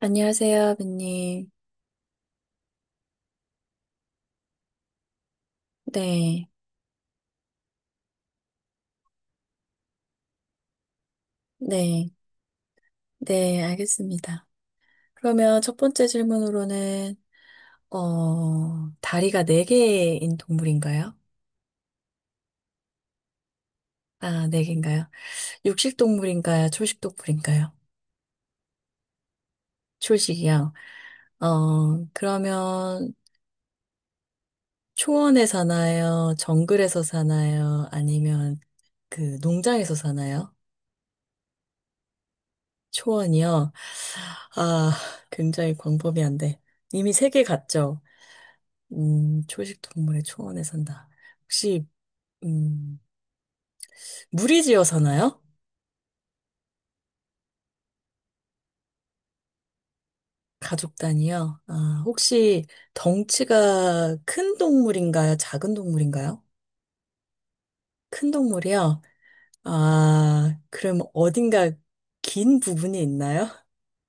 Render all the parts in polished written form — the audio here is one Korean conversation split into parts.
안녕하세요, 아버님. 네, 네, 네, 알겠습니다. 그러면 첫 번째 질문으로는, 다리가 네개인 동물인가요? 아, 네개인가요? 육식 동물인가요? 초식 동물인가요? 초식이요. 그러면 초원에 사나요? 정글에서 사나요? 아니면 그 농장에서 사나요? 초원이요? 아, 굉장히 광범위한데. 이미 세 개 갔죠? 초식 동물의 초원에 산다. 혹시, 음, 무리지어 사나요? 가족 단위요? 아, 혹시 덩치가 큰 동물인가요? 작은 동물인가요? 큰 동물이요? 아, 그럼 어딘가 긴 부분이 있나요?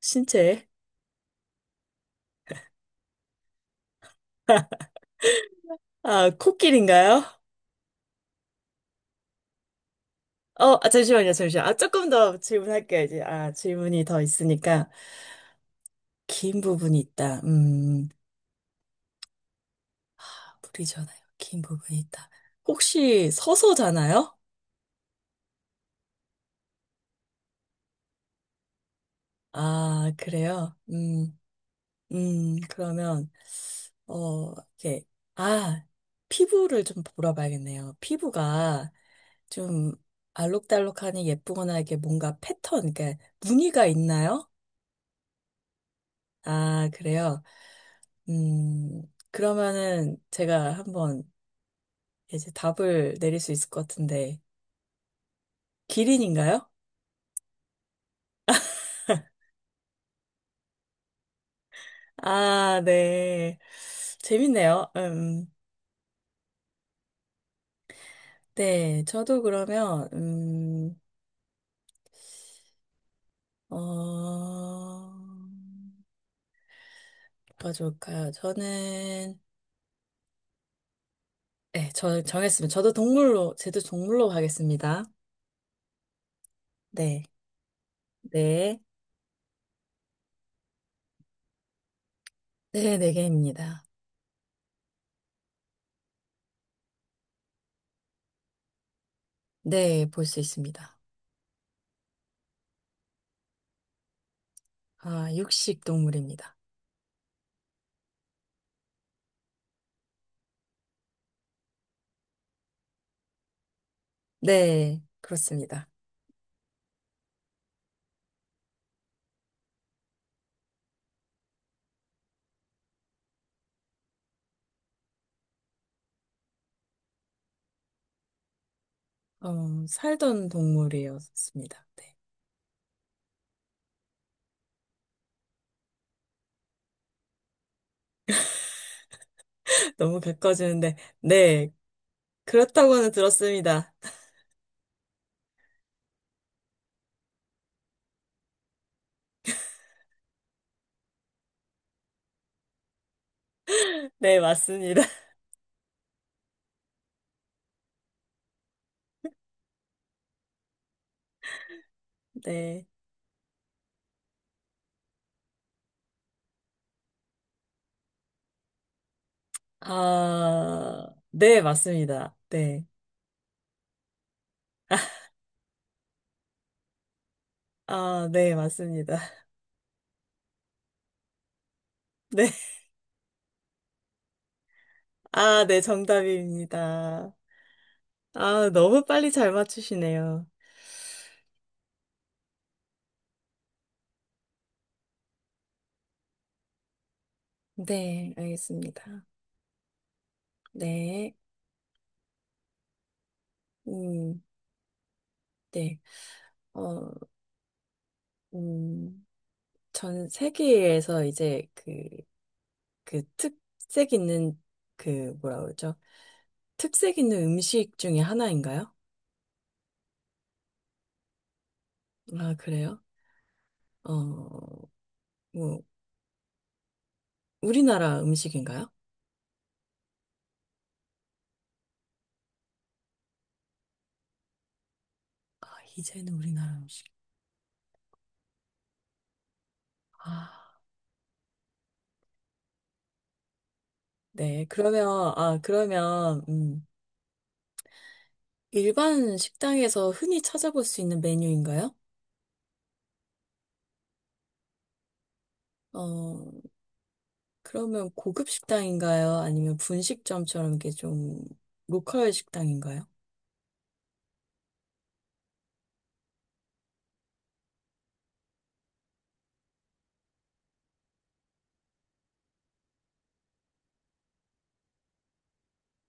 신체에? 아, 코끼리인가요? 잠시만요, 잠시만요. 아, 조금 더 질문할게요, 이제. 아, 질문이 더 있으니까. 긴 부분이 있다. 음. 뿌리잖아요. 긴 부분이 있다. 혹시 서서잖아요? 아, 그래요? 그러면, 어, 이렇게, 아, 피부를 좀 물어봐야겠네요. 피부가 좀 알록달록하니 예쁘거나 이게 뭔가 패턴, 그러니까 무늬가 있나요? 아, 그래요? 음, 그러면은 제가 한번 이제 답을 내릴 수 있을 것 같은데, 기린인가요? 아, 네. 재밌네요. 네. 저도 그러면, 어, 뭐가 좋을까요? 저는, 네, 저 정했습니다. 저도 동물로, 제도 동물로 가겠습니다. 네. 네. 네, 네 개입니다. 네, 볼 수 있습니다. 아, 육식 동물입니다. 네, 그렇습니다. 어, 살던 동물이었습니다. 네. 너무 가까워지는데, 네. 그렇다고는 들었습니다. 네, 맞습니다. 네. 아, 네, 맞습니다. 네. 아, 네, 맞습니다. 네. 아, 네, 정답입니다. 아, 너무 빨리 잘 맞추시네요. 네, 알겠습니다. 네. 음, 네. 어, 음, 전 세계에서 이제 그, 그 특색 있는 그 뭐라 그러죠? 특색 있는 음식 중에 하나인가요? 아, 그래요? 어, 뭐, 우리나라 음식인가요? 아, 이제는 우리나라 음식. 아, 네. 그러면, 아, 그러면, 일반 식당에서 흔히 찾아볼 수 있는 메뉴인가요? 어, 그러면 고급 식당인가요? 아니면 분식점처럼 이게 좀 로컬 식당인가요?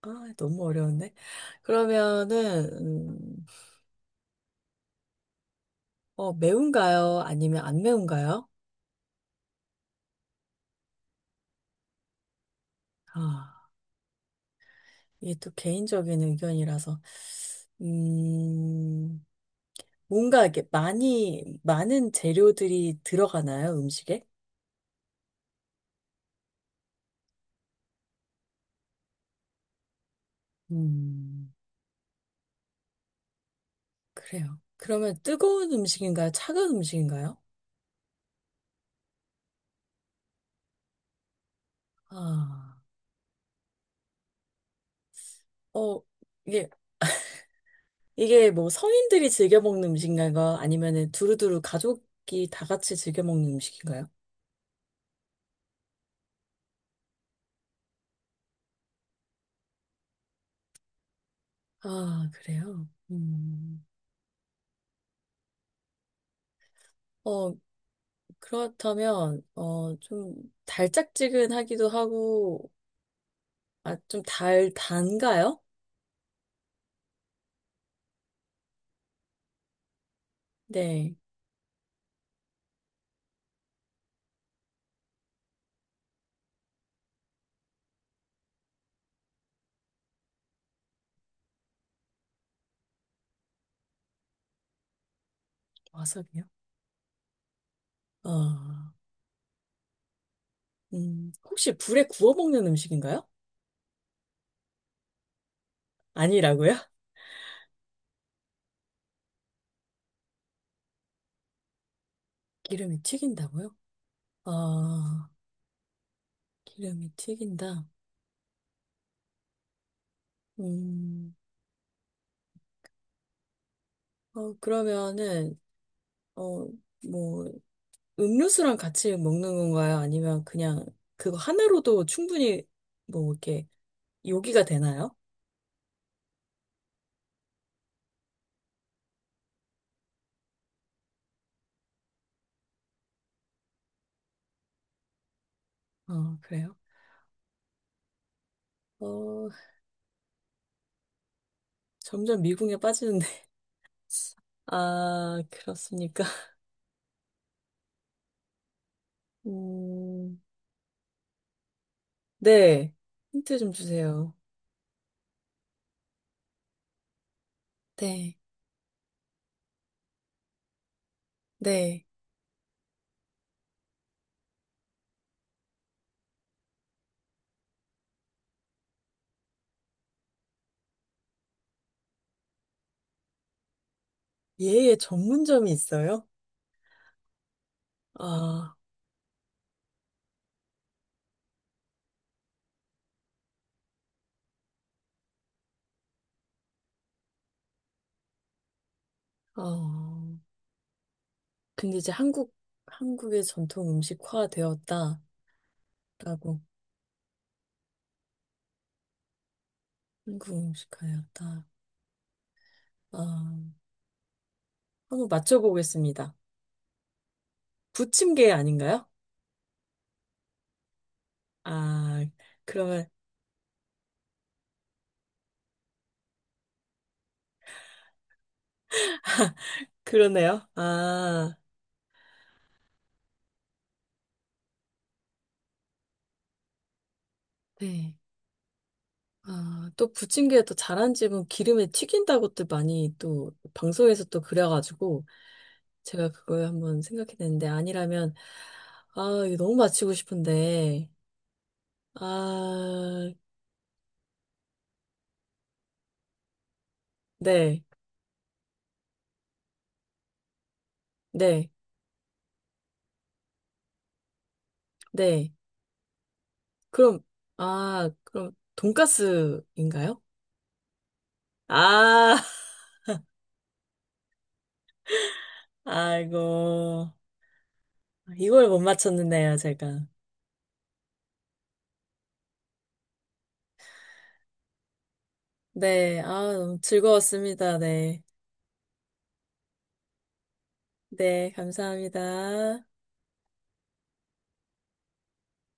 아, 너무 어려운데. 그러면은, 매운가요? 아니면 안 매운가요? 아. 이게 또 개인적인 의견이라서, 음, 뭔가 이렇게 많이, 많은 재료들이 들어가나요, 음식에? 음, 그래요. 그러면 뜨거운 음식인가요? 차가운 음식인가요? 아, 어, 이게, 이게 뭐 성인들이 즐겨 먹는 음식인가요? 아니면은 두루두루 가족이 다 같이 즐겨 먹는 음식인가요? 아, 그래요? 어, 그렇다면, 어, 좀 달짝지근하기도 하고, 아, 좀 달, 단가요? 네. 와사비요? 아, 혹시 불에 구워 먹는 음식인가요? 아니라고요? 기름이 튀긴다고요? 아, 기름이 튀긴다. 음, 어, 그러면은, 어, 뭐, 음료수랑 같이 먹는 건가요? 아니면 그냥 그거 하나로도 충분히 뭐, 이렇게 요기가 되나요? 어, 그래요? 어, 점점 미궁에 빠지는데. 아, 그렇습니까? 음, 네. 힌트 좀 주세요. 네, 네. 예의 전문점이 있어요? 아, 어. 근데 이제 한국, 한국의 전통 음식화 되었다라고. 한국 음식화였다. 아, 한번 맞춰보겠습니다. 부침개 아닌가요? 아, 그러면, 그러네요. 아, 네. 아, 또 부침개 또 잘한 집은 기름에 튀긴다고들 많이 또 방송에서 또 그래가지고 제가 그걸 한번 생각해냈는데 아니라면 아 이거 너무 맞히고 싶은데 아 네, 네, 네. 그럼 아 그럼 돈가스인가요? 아 아이고 이걸 못 맞췄는데요 제가. 네, 아 너무 즐거웠습니다. 네, 네 감사합니다.